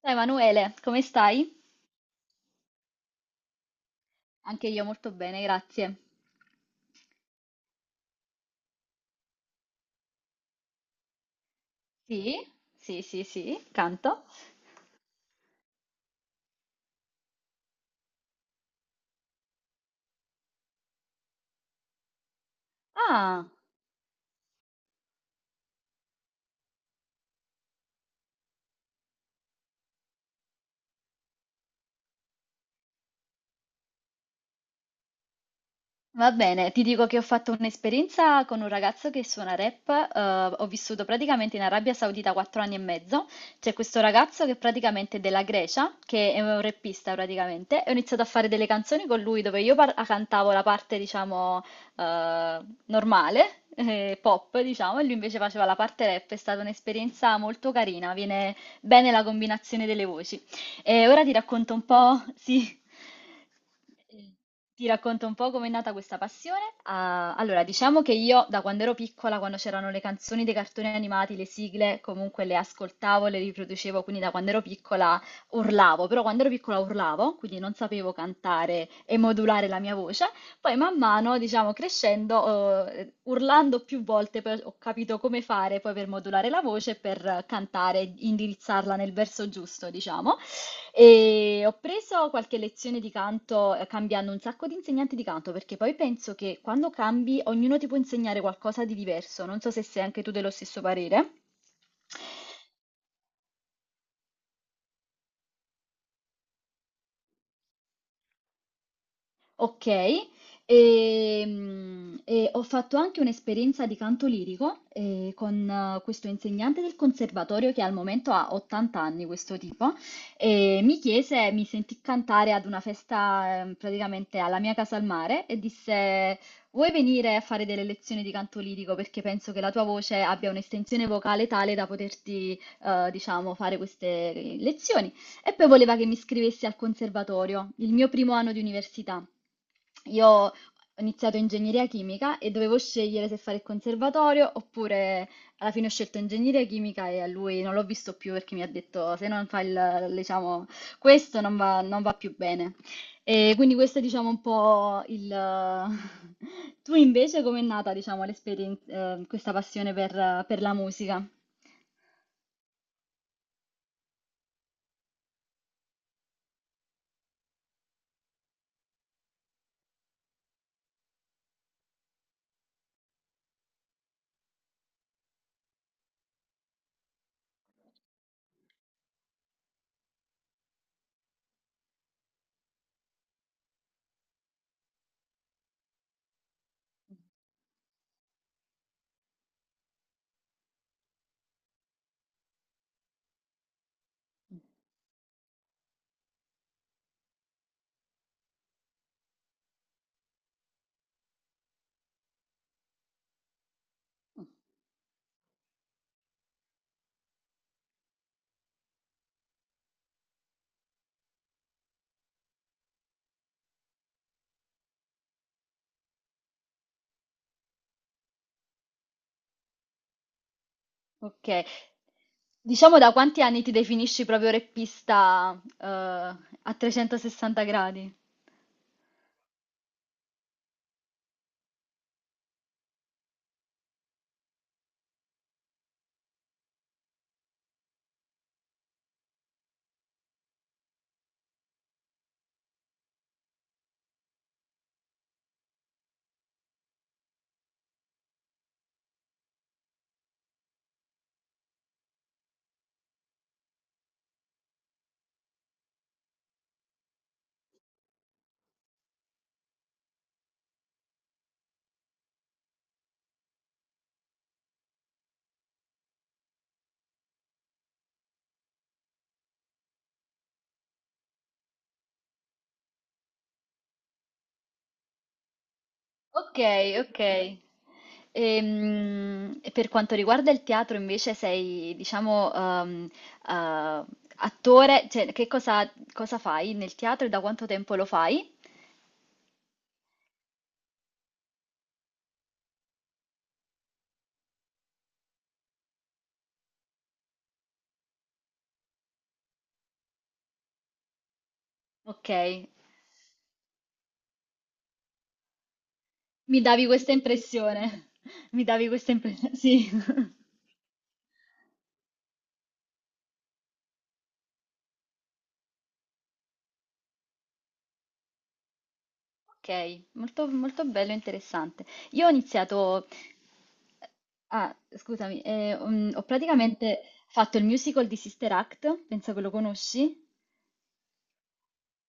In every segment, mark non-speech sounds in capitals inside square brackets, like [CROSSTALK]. Ciao Emanuele, come stai? Anche io molto bene, grazie. Sì, sì, sì, sì, canto. Ah, va bene, ti dico che ho fatto un'esperienza con un ragazzo che suona rap. Ho vissuto praticamente in Arabia Saudita 4 anni e mezzo. C'è questo ragazzo che praticamente è della Grecia, che è un rappista praticamente, e ho iniziato a fare delle canzoni con lui dove io cantavo la parte, diciamo, eh, normale, [LAUGHS] pop, diciamo, e lui invece faceva la parte rap. È stata un'esperienza molto carina, viene bene la combinazione delle voci. E ora ti racconto un po', [LAUGHS] sì, eh, ti racconto un po' com'è nata questa passione. Ah, allora, diciamo che io, da quando ero piccola, quando c'erano le canzoni dei cartoni animati, le sigle, comunque le ascoltavo, le riproducevo, quindi da quando ero piccola urlavo, però quando ero piccola urlavo, quindi non sapevo cantare e modulare la mia voce. Poi man mano, diciamo, crescendo, urlando più volte, poi ho capito come fare poi per modulare la voce, e per cantare, indirizzarla nel verso giusto, diciamo. E ho preso qualche lezione di canto, cambiando un sacco di insegnanti di canto, perché poi penso che quando cambi ognuno ti può insegnare qualcosa di diverso. Non so se sei anche tu dello stesso parere. Okay. E ho fatto anche un'esperienza di canto lirico, con questo insegnante del conservatorio che al momento ha 80 anni, questo tipo, e mi sentì cantare ad una festa, praticamente alla mia casa al mare, e disse: "Vuoi venire a fare delle lezioni di canto lirico? Perché penso che la tua voce abbia un'estensione vocale tale da poterti, diciamo, fare queste lezioni". E poi voleva che mi iscrivessi al conservatorio, il mio primo anno di università. Io ho iniziato ingegneria chimica e dovevo scegliere se fare il conservatorio oppure. Alla fine ho scelto ingegneria chimica e a lui non l'ho visto più, perché mi ha detto, se non fai diciamo, questo non va, non va più bene. E quindi questo è, diciamo, un po' il. [LAUGHS] Tu invece com'è nata, diciamo, questa passione per la musica? Ok, diciamo, da quanti anni ti definisci proprio reppista, a 360 gradi? Ok, ok. E, per quanto riguarda il teatro, invece, sei, diciamo, eh, attore, cioè, cosa fai nel teatro e da quanto tempo lo fai? Ok, mi davi questa impressione. [LAUGHS] Mi davi questa impressione, sì. [LAUGHS] Ok, molto, molto bello e interessante. Io ho iniziato. Ah, scusami, ho praticamente fatto il musical di Sister Act, penso che lo conosci.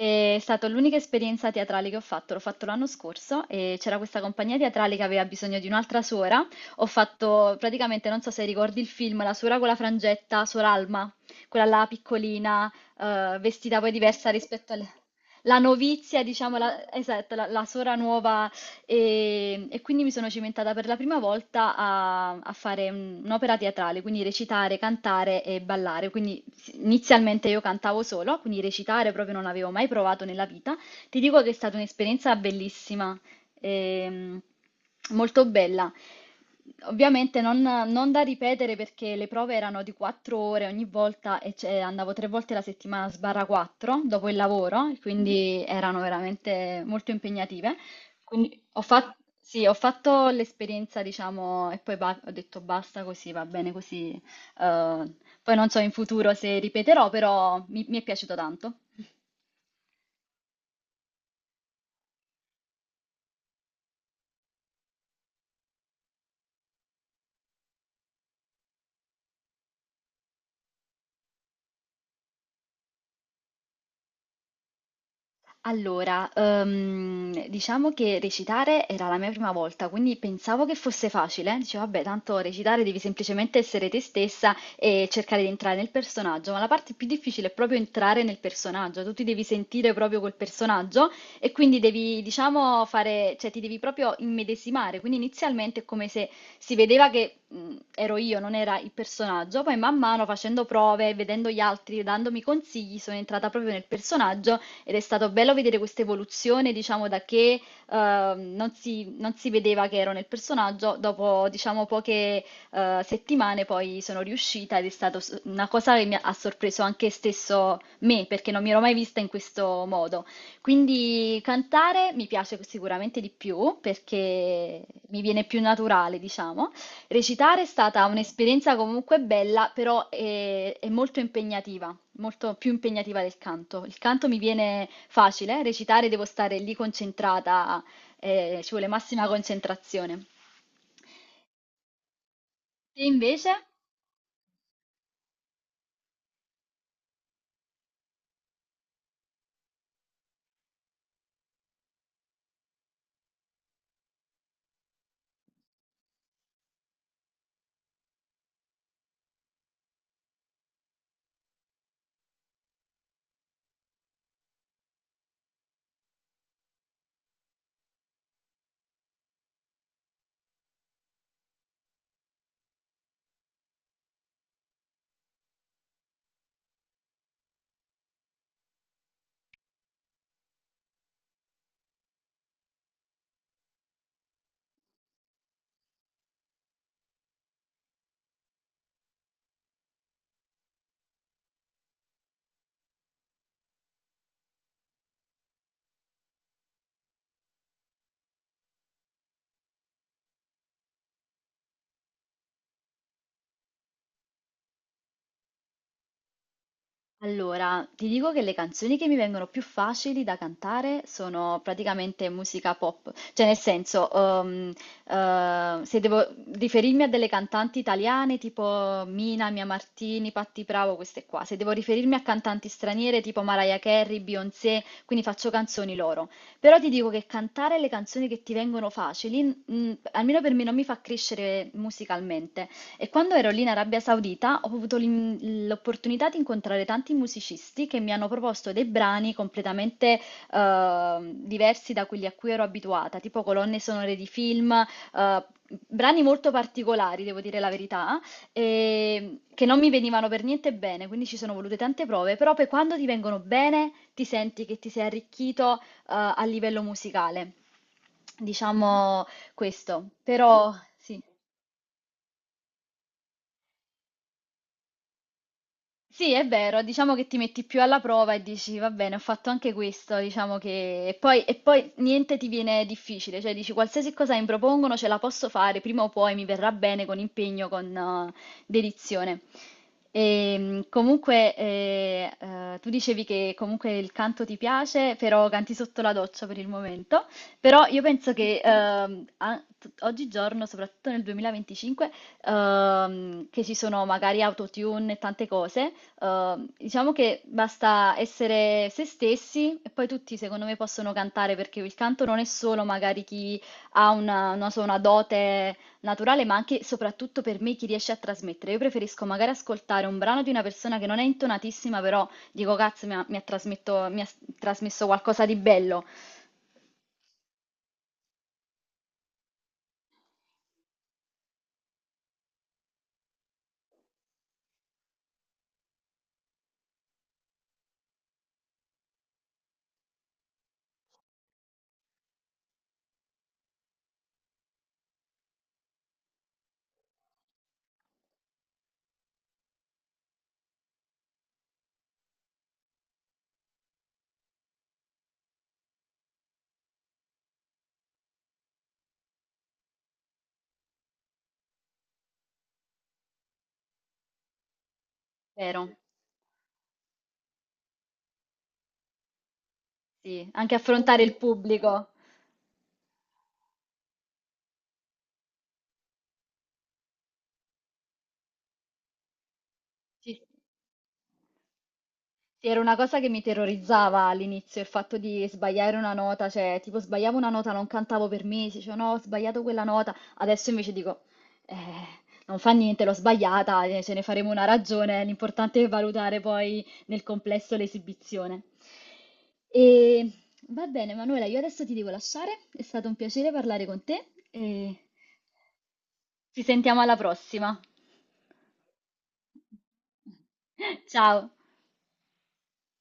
È stata l'unica esperienza teatrale che ho fatto, l'ho fatto l'anno scorso, e c'era questa compagnia teatrale che aveva bisogno di un'altra suora. Ho fatto praticamente, non so se ricordi il film, la suora con la frangetta, Sor Alma, quella là piccolina, vestita poi diversa rispetto alla novizia, diciamo, la, esatto, la suora nuova, e quindi mi sono cimentata per la prima volta a fare un'opera teatrale, quindi recitare, cantare e ballare. Quindi inizialmente io cantavo solo, quindi recitare proprio non avevo mai provato nella vita. Ti dico che è stata un'esperienza bellissima, ehm, molto bella. Ovviamente non da ripetere, perché le prove erano di 4 ore ogni volta e, cioè, andavo tre volte la settimana sbarra 4 dopo il lavoro, quindi erano veramente molto impegnative. Quindi ho fatto, sì, ho fatto l'esperienza, diciamo, e poi ho detto basta così, va bene così. Eh, Poi non so in futuro se ripeterò, però mi è piaciuto tanto. Allora, diciamo che recitare era la mia prima volta, quindi pensavo che fosse facile. Dicevo, vabbè, tanto recitare devi semplicemente essere te stessa e cercare di entrare nel personaggio, ma la parte più difficile è proprio entrare nel personaggio, tu ti devi sentire proprio col personaggio, e quindi devi, diciamo, fare, cioè ti devi proprio immedesimare. Quindi inizialmente è come se si vedeva che, ero io, non era il personaggio, poi man mano facendo prove, vedendo gli altri, dandomi consigli, sono entrata proprio nel personaggio, ed è stato bello vedere questa evoluzione, diciamo, da che non si vedeva che ero nel personaggio, dopo, diciamo, poche settimane poi sono riuscita ed è stata una cosa che mi ha sorpreso anche stesso me, perché non mi ero mai vista in questo modo. Quindi cantare mi piace sicuramente di più, perché mi viene più naturale, diciamo. Recitare è stata un'esperienza comunque bella, però è molto impegnativa, molto più impegnativa del canto. Il canto mi viene facile, recitare devo stare lì concentrata, ci vuole massima concentrazione. Te invece? Allora, ti dico che le canzoni che mi vengono più facili da cantare sono praticamente musica pop, cioè nel senso, se devo riferirmi a delle cantanti italiane tipo Mina, Mia Martini, Patti Bravo, queste qua, se devo riferirmi a cantanti straniere tipo Mariah Carey, Beyoncé, quindi faccio canzoni loro. Però ti dico che cantare le canzoni che ti vengono facili, almeno per me, non mi fa crescere musicalmente. E quando ero lì in Arabia Saudita ho avuto l'opportunità di incontrare tanti musicisti che mi hanno proposto dei brani completamente diversi da quelli a cui ero abituata, tipo colonne sonore di film, brani molto particolari, devo dire la verità, e che non mi venivano per niente bene, quindi ci sono volute tante prove, però poi quando ti vengono bene ti senti che ti sei arricchito, a livello musicale. Diciamo questo, però sì. Sì, è vero, diciamo che ti metti più alla prova e dici, va bene, ho fatto anche questo, diciamo che. E poi niente ti viene difficile, cioè dici, qualsiasi cosa mi propongono ce la posso fare, prima o poi mi verrà bene con impegno, con dedizione. E, comunque, tu dicevi che comunque il canto ti piace, però canti sotto la doccia per il momento, però io penso che oggigiorno, soprattutto nel 2025, che ci sono magari autotune e tante cose. Diciamo che basta essere se stessi e poi tutti, secondo me, possono cantare, perché il canto non è solo magari chi ha una, non so, una dote naturale, ma anche e soprattutto, per me, chi riesce a trasmettere. Io preferisco magari ascoltare un brano di una persona che non è intonatissima, però dico, cazzo, mi ha trasmesso qualcosa di bello, vero? Sì, anche affrontare il pubblico. Ci- Sì, era una cosa che mi terrorizzava all'inizio, il fatto di sbagliare una nota, cioè tipo sbagliavo una nota, non cantavo per mesi, cioè no, ho sbagliato quella nota, adesso invece dico, eh, non fa niente, l'ho sbagliata, ce ne faremo una ragione, l'importante è valutare poi nel complesso l'esibizione. E va bene, Manuela, io adesso ti devo lasciare, è stato un piacere parlare con te e ci sentiamo alla prossima. [LAUGHS] Ciao.